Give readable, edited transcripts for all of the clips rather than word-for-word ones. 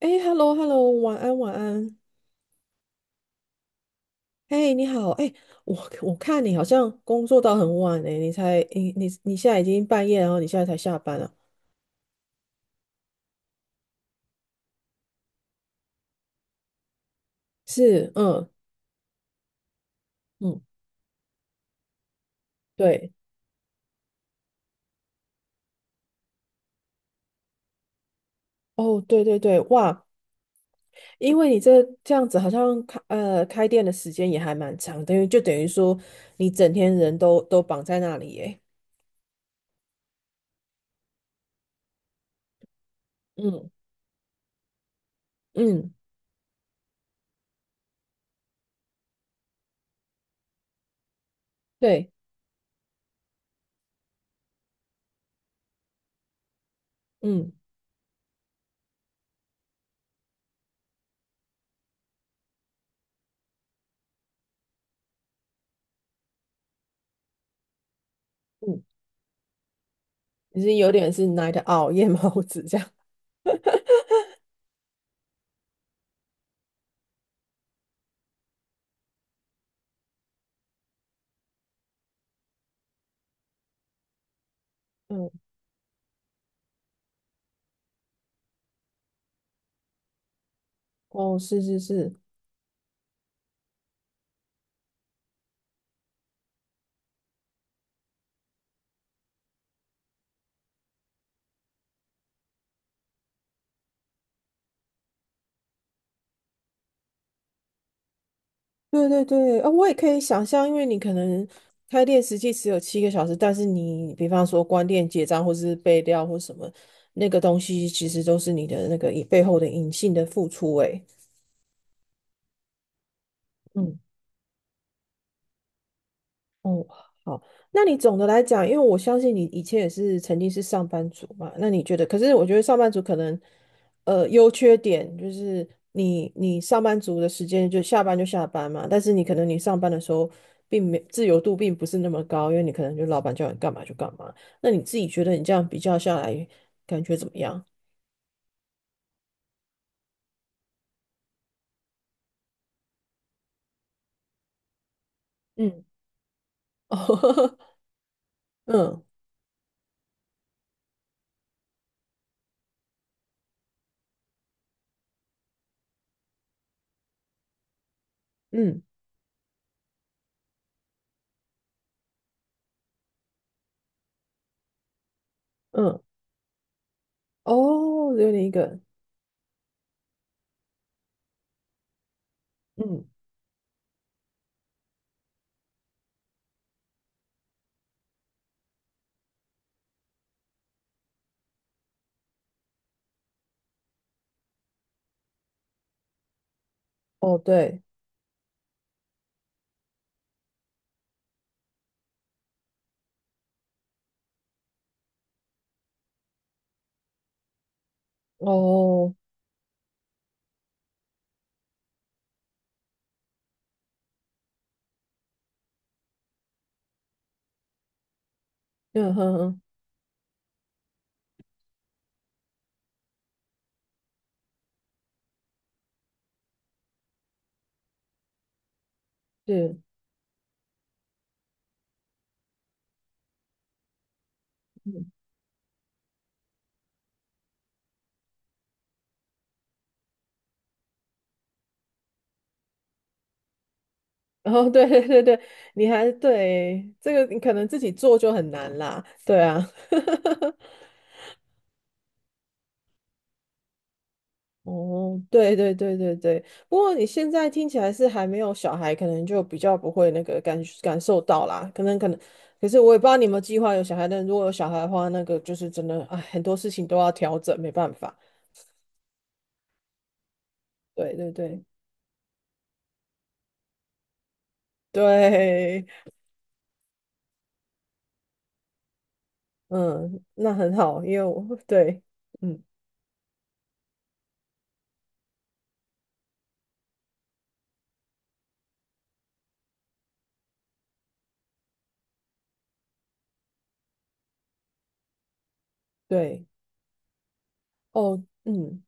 哎，hello hello，晚安晚安。哎，你好，哎，我看你好像工作到很晚哎，你才你你你现在已经半夜，然后你现在才下班啊？是，嗯嗯，对，哦对对对，哇，因为你这样子好像开店的时间也还蛮长，等于说你整天人都绑在那里哎，嗯嗯，对，嗯嗯，你是有点是 NOW 夜猫子这样，嗯，哦是是是。对对对，啊、我也可以想象，因为你可能开店实际只有7个小时，但是你比方说关店结账或是备料或什么，那个东西其实都是你的那个以背后的隐性的付出、欸。诶，嗯哦，好，那你总的来讲，因为我相信你以前也是曾经是上班族嘛，那你觉得？可是我觉得上班族可能，优缺点就是你上班族的时间就下班就下班嘛，但是你可能你上班的时候并没自由度并不是那么高，因为你可能就老板叫你干嘛就干嘛。那你自己觉得你这样比较下来，感觉怎么样？嗯，哦，嗯嗯嗯，哦，只有你一个人，嗯，哦对，哦，嗯哼哼，是。哦，对对 对对，你还对这个你可能自己做就很难啦，对啊，哦，对对对对对，不过你现在听起来是还没有小孩，可能就比较不会那个感感受到啦，可能可能，可是我也不知道你有没有计划有小孩，但如果有小孩的话，那个就是真的，哎，很多事情都要调整，没办法，对对对对，嗯，那很好，因为我对，嗯对，哦，嗯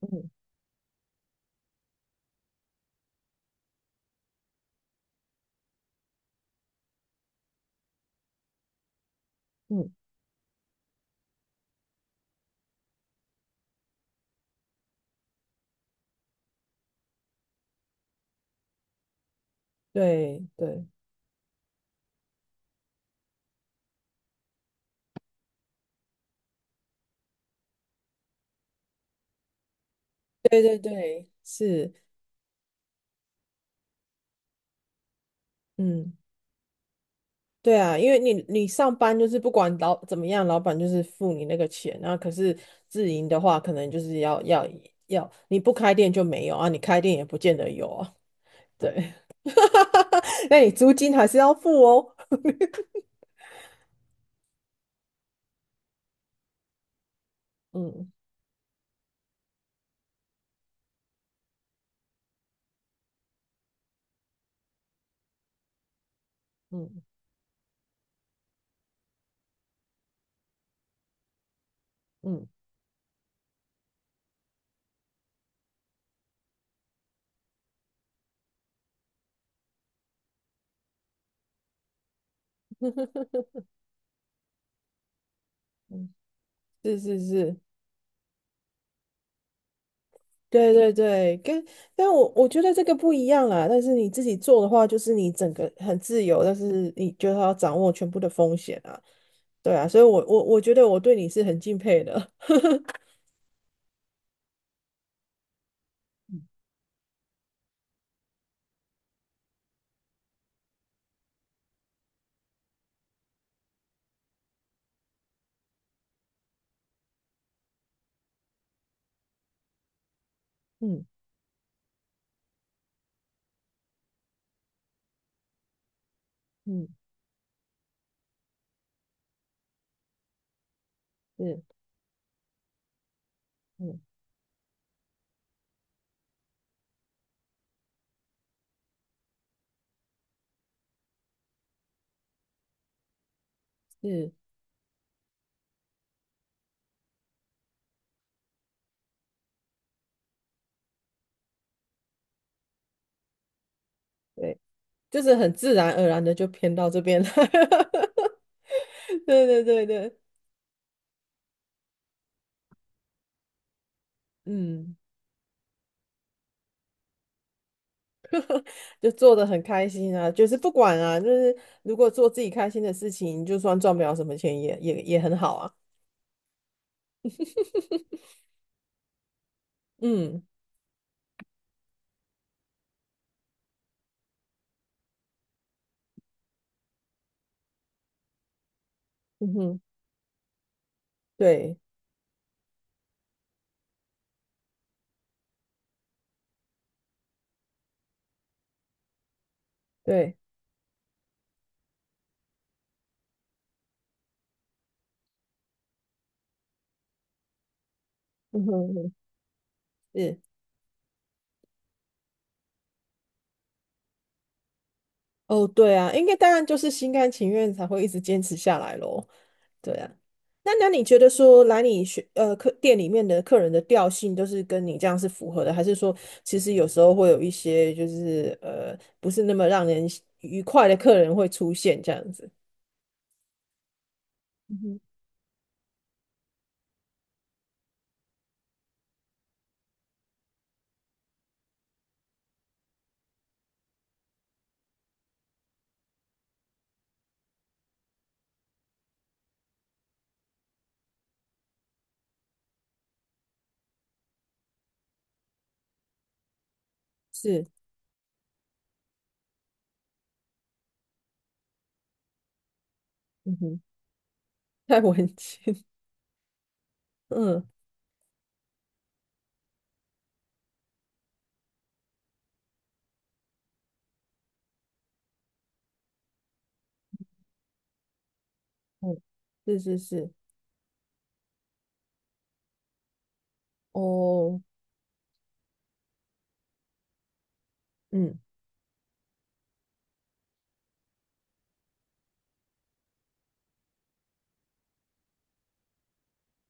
嗯嗯，对对。对对对，是，嗯，对啊，因为你上班就是不管老怎么样，老板就是付你那个钱，然后可是自营的话，可能就是要，你不开店就没有啊，你开店也不见得有啊，对，那你租金还是要付哦，嗯嗯嗯嗯，是是是，对对对，跟但我觉得这个不一样啊。但是你自己做的话，就是你整个很自由，但是你就要掌握全部的风险啊。对啊，所以我觉得我对你是很敬佩的，嗯嗯嗯嗯是，对，就是很自然而然的就偏到这边来，对对对对，嗯，就做的很开心啊，就是不管啊，就是如果做自己开心的事情，就算赚不了什么钱也很好啊，嗯嗯哼，对对，嗯哼嗯哼，是，哦对啊，应该当然就是心甘情愿才会一直坚持下来咯。对啊，那那你觉得说来你学呃客店里面的客人的调性都是跟你这样是符合的，还是说其实有时候会有一些就是呃不是那么让人愉快的客人会出现这样子？嗯哼是，嗯哼，太文青，嗯嗯，是是是，哦，嗯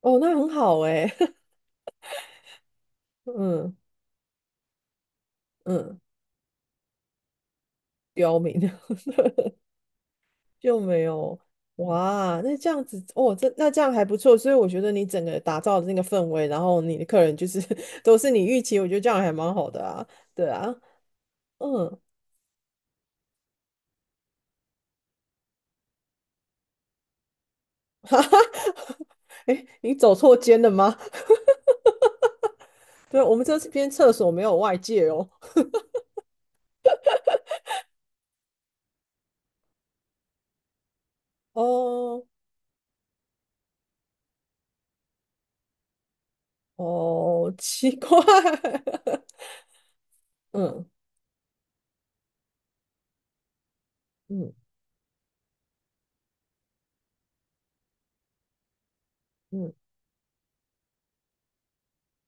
哦，那很好哎、嗯嗯，刁民，就没有哇，那这样子哦，这那这样还不错，所以我觉得你整个打造的那个氛围，然后你的客人就是 都是你预期，我觉得这样还蛮好的啊，对啊，嗯，诶，你走错间了吗？对，我们这边厕所没有外界哦，哦哦，奇怪，嗯嗯嗯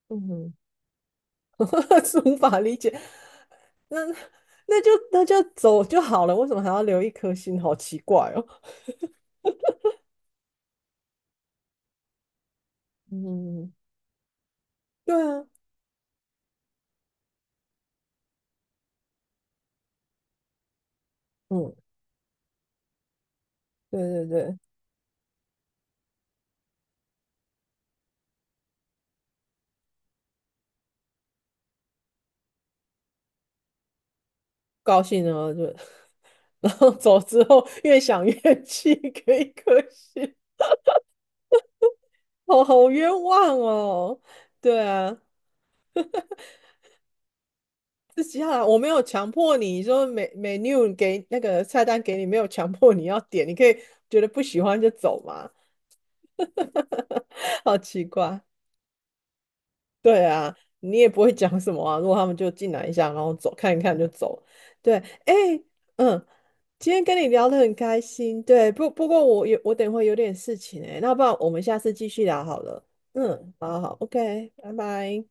嗯，是无法理解，那那就走就好了，为什么还要留一颗心？好奇怪哦，嗯。对啊，嗯，对对对，高兴呢就，然后走之后越想越气，可以可惜，哦，好冤枉哦。对啊，自己下来我没有强迫你，说每 NEW 给那个菜单给你，没有强迫你要点，你可以觉得不喜欢就走嘛，好奇怪。对啊，你也不会讲什么啊。如果他们就进来一下，然后走，看一看就走。对，哎，嗯，今天跟你聊得很开心。对，不过我有我等会有点事情哎、那不然我们下次继续聊好了。嗯，好好，OK，拜拜。